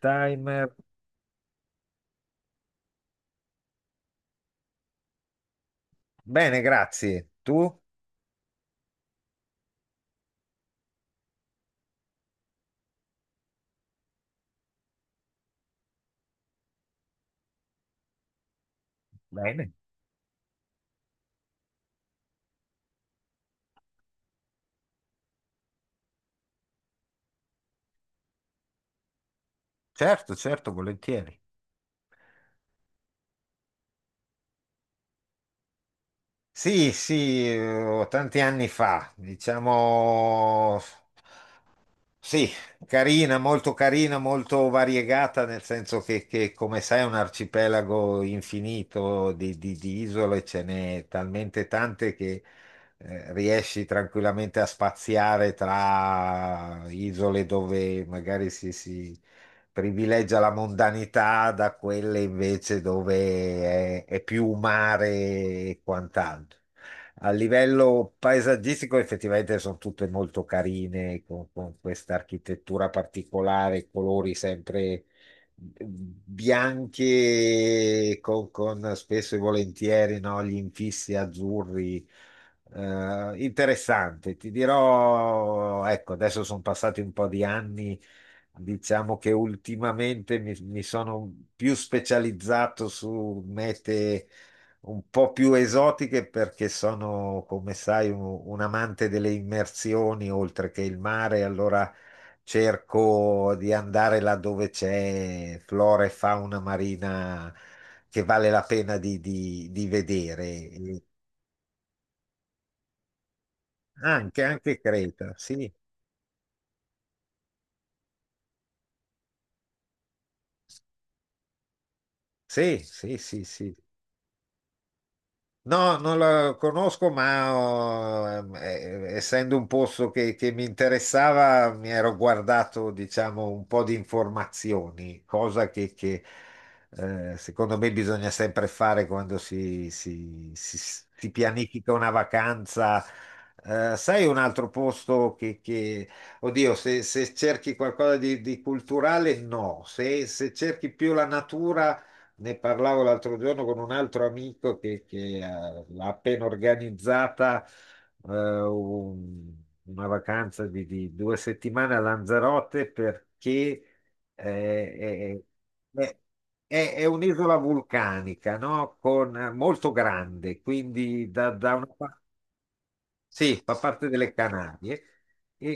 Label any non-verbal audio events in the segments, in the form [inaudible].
Timer. Bene, grazie. Tu? Bene. Certo, certo, volentieri. Sì, sì, tanti anni fa, diciamo. Sì, carina, molto variegata, nel senso che, come sai, è un arcipelago infinito di isole. Ce n'è talmente tante che riesci tranquillamente a spaziare tra isole dove magari si privilegia la mondanità da quelle invece dove è più mare e quant'altro. A livello paesaggistico effettivamente sono tutte molto carine, con questa architettura particolare, colori sempre bianchi, con spesso e volentieri, no, gli infissi azzurri. Interessante, ti dirò, ecco. Adesso sono passati un po' di anni, diciamo che ultimamente mi sono più specializzato su mete un po' più esotiche perché sono, come sai, un amante delle immersioni oltre che il mare. Allora cerco di andare là dove c'è flora e fauna marina che vale la pena di vedere. E Anche, anche Creta, sì, sì, sì, sì, sì. No, non la conosco, ma oh, essendo un posto che mi interessava, mi ero guardato, diciamo, un po' di informazioni, cosa che, secondo me, bisogna sempre fare quando si pianifica una vacanza. Sai, un altro posto oddio, se cerchi qualcosa di culturale, no, se cerchi più la natura, ne parlavo l'altro giorno con un altro amico che ha appena organizzata eh, un- una vacanza di 2 settimane a Lanzarote perché eh, è, è- è un'isola vulcanica, no? Con, molto grande, quindi da una parte sì, fa parte delle Canarie. e,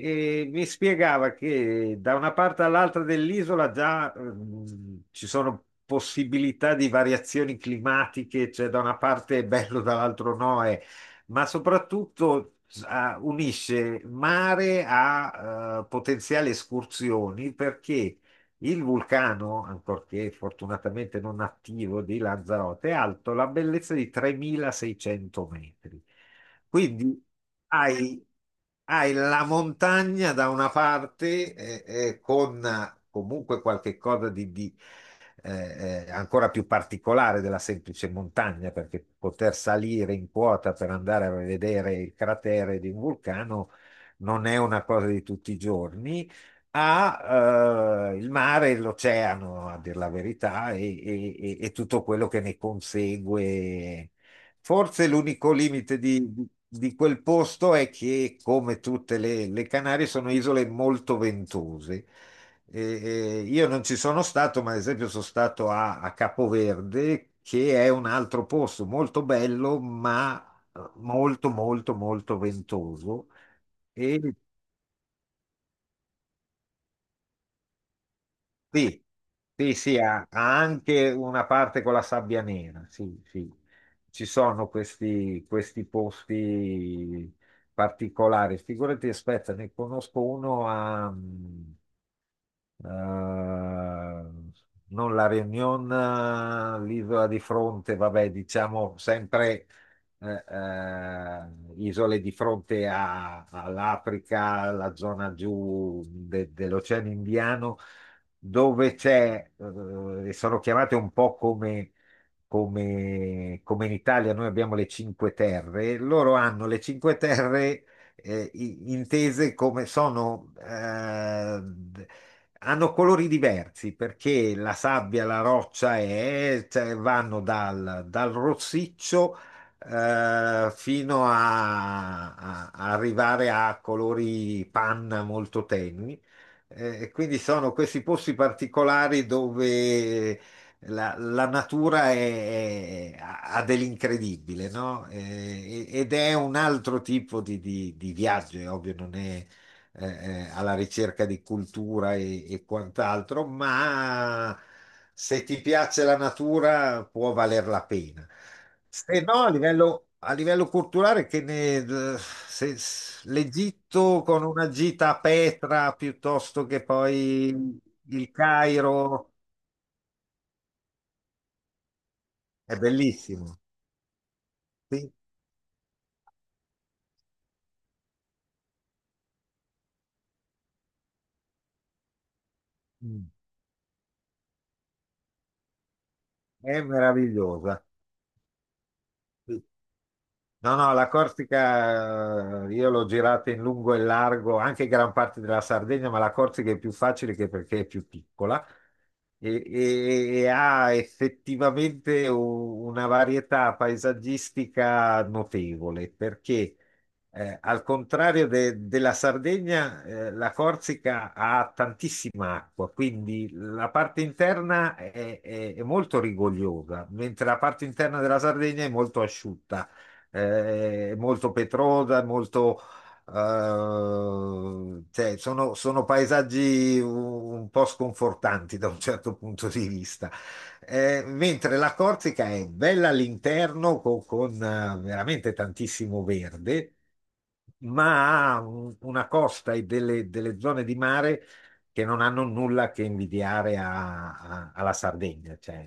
e- e mi spiegava che da una parte all'altra dell'isola già ci sono possibilità di variazioni climatiche. Cioè, da una parte è bello, dall'altro no, ma soprattutto, ah, unisce mare a, potenziali escursioni, perché il vulcano, ancorché fortunatamente non attivo, di Lanzarote è alto la bellezza di 3.600 metri. Quindi hai, hai la montagna da una parte, con, comunque qualche cosa di ancora più particolare della semplice montagna, perché poter salire in quota per andare a vedere il cratere di un vulcano non è una cosa di tutti i giorni. Ha, il mare e l'oceano, a dir la verità, e tutto quello che ne consegue. Forse l'unico limite di quel posto è che, come tutte le Canarie, sono isole molto ventose. E io non ci sono stato, ma ad esempio sono stato a Capoverde, che è un altro posto molto bello, ma molto, molto, molto ventoso. E Sì, sì, sì, ha anche una parte con la sabbia nera, sì, sì. Ci sono questi posti particolari. Figurati, aspetta, ne conosco uno a, eh, non la Réunion, l'isola di fronte. Vabbè, diciamo sempre, eh, eh, isole di fronte all'Africa, la zona giù dell'Oceano Indiano, dove c'è, e sono chiamate un po' come, come in Italia. Noi abbiamo le Cinque Terre, loro hanno le Cinque Terre, intese come sono, hanno colori diversi perché la sabbia, la roccia è, cioè, vanno dal rossiccio, fino a arrivare a colori panna molto tenui. E quindi sono questi posti particolari dove la natura ha dell'incredibile, no? Ed è un altro tipo di viaggio, è ovvio. Non è, alla ricerca di cultura e quant'altro, ma se ti piace la natura può valer la pena. Se no, a livello culturale, che ne, l'Egitto con una gita a Petra, piuttosto che poi il Cairo, è bellissimo, sì. Mm. È meravigliosa. No, no, la Corsica, io l'ho girata in lungo e largo, anche gran parte della Sardegna, ma la Corsica è più facile che perché è più piccola e ha effettivamente una varietà paesaggistica notevole, perché, al contrario della Sardegna, la Corsica ha tantissima acqua, quindi la parte interna è molto rigogliosa, mentre la parte interna della Sardegna è molto asciutta, è molto petrosa, è molto, cioè, sono paesaggi un po' sconfortanti da un certo punto di vista. Mentre la Corsica è bella all'interno, con, veramente tantissimo verde, ma ha una costa e delle zone di mare che non hanno nulla che invidiare alla Sardegna. Cioè,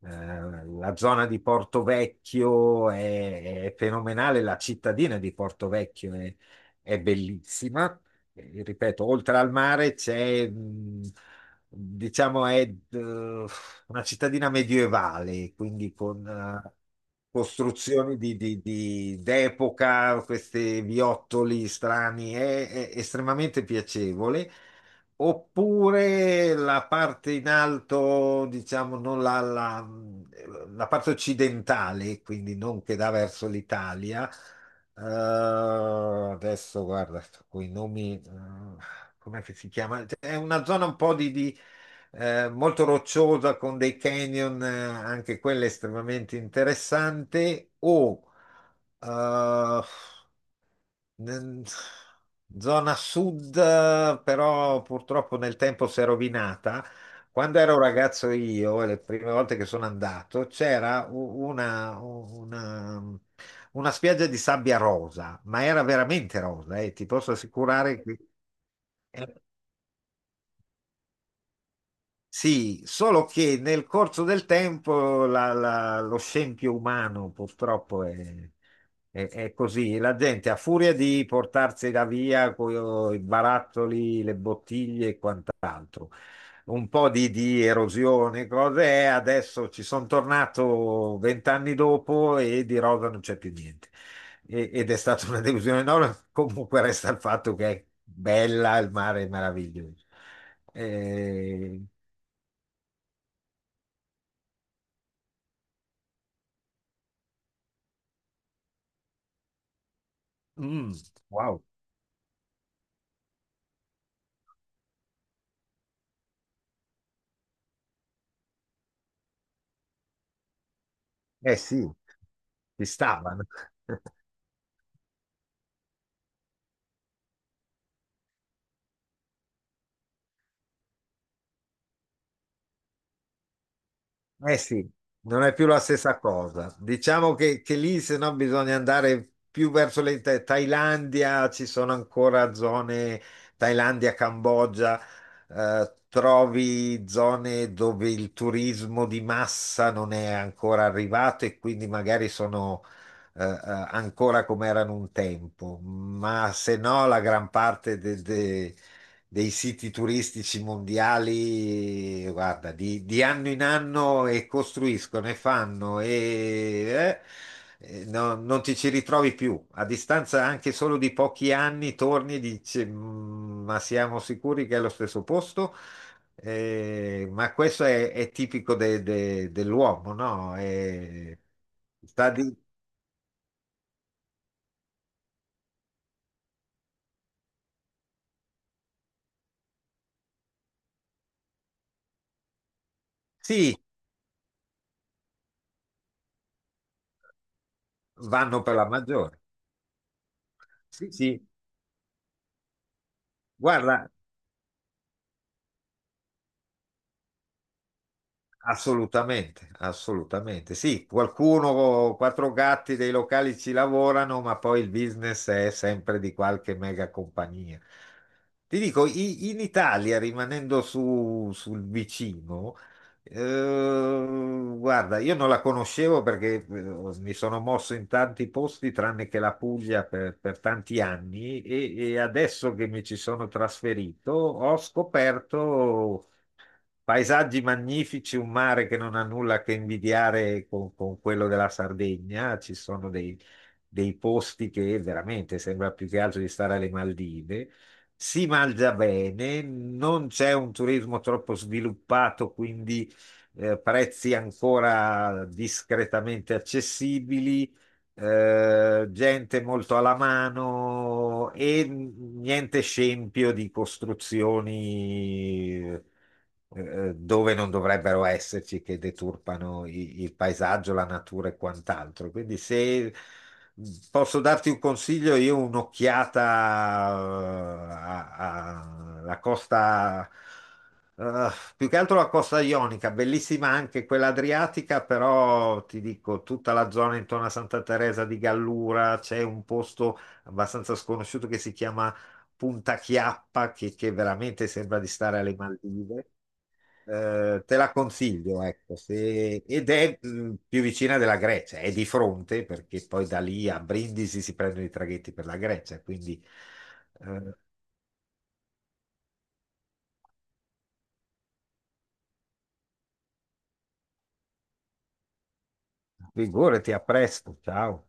la zona di Porto Vecchio è fenomenale, la cittadina di Porto Vecchio è bellissima. Ripeto, oltre al mare c'è, diciamo, è, una cittadina medievale, quindi con, costruzioni d'epoca, questi viottoli strani, è estremamente piacevole. Oppure la parte in alto, diciamo, non la parte occidentale, quindi non che dà verso l'Italia. Eh, Adesso guarda, quei nomi, come si chiama? È una zona un po' molto rocciosa con dei canyon, anche quella estremamente interessante. Eh, N- Zona sud, però purtroppo nel tempo si è rovinata. Quando ero ragazzo io, e le prime volte che sono andato, c'era una spiaggia di sabbia rosa, ma era veramente rosa, e ti posso assicurare che... Sì, solo che nel corso del tempo lo scempio umano purtroppo è così. La gente a furia di portarsela via con i barattoli, le bottiglie e quant'altro, un po' di erosione, cose, e adesso ci sono tornato vent'anni dopo e di rosa non c'è più niente. Ed è stata [laughs] una delusione enorme. Comunque resta il fatto che è bella, il mare è meraviglioso. Ehm, Mm, wow. Eh sì, ci stavano. [laughs] Eh sì, non è più la stessa cosa. Diciamo che lì, se no, bisogna andare più verso la Thailandia, ci sono ancora zone. Thailandia, Cambogia, trovi zone dove il turismo di massa non è ancora arrivato e quindi magari sono, eh, eh, ancora come erano un tempo, ma se no la gran parte dei siti turistici mondiali, guarda, di anno in anno, e costruiscono e fanno e, non ti ci ritrovi più. A distanza anche solo di pochi anni torni e dici: Ma siamo sicuri che è lo stesso posto?" Ma questo è tipico dell'uomo, no? Sta di- Sì, vanno per la maggiore. Sì, sì. Guarda, assolutamente, assolutamente. Sì, qualcuno, quattro gatti dei locali ci lavorano, ma poi il business è sempre di qualche mega compagnia. Ti dico, in Italia, rimanendo sul vicino, guarda, io non la conoscevo perché, mi sono mosso in tanti posti, tranne che la Puglia per tanti anni, e adesso che mi ci sono trasferito, ho scoperto paesaggi magnifici, un mare che non ha nulla che invidiare con quello della Sardegna. Ci sono dei posti che veramente sembra più che altro di stare alle Maldive. Si mangia bene, non c'è un turismo troppo sviluppato, quindi, prezzi ancora discretamente accessibili, gente molto alla mano e niente scempio di costruzioni, dove non dovrebbero esserci, che deturpano il paesaggio, la natura e quant'altro. Quindi, se posso darti un consiglio, io un'occhiata, eh, alla costa, eh, più che altro la costa ionica, bellissima anche quella adriatica. Però ti dico, tutta la zona intorno a Santa Teresa di Gallura, c'è un posto abbastanza sconosciuto che si chiama Punta Chiappa, che veramente sembra di stare alle Maldive. Te la consiglio, ecco. Ed è più vicina della Grecia, è di fronte, perché poi da lì a Brindisi si prendono i traghetti per la Grecia, quindi, eh, figurati, a presto, ciao.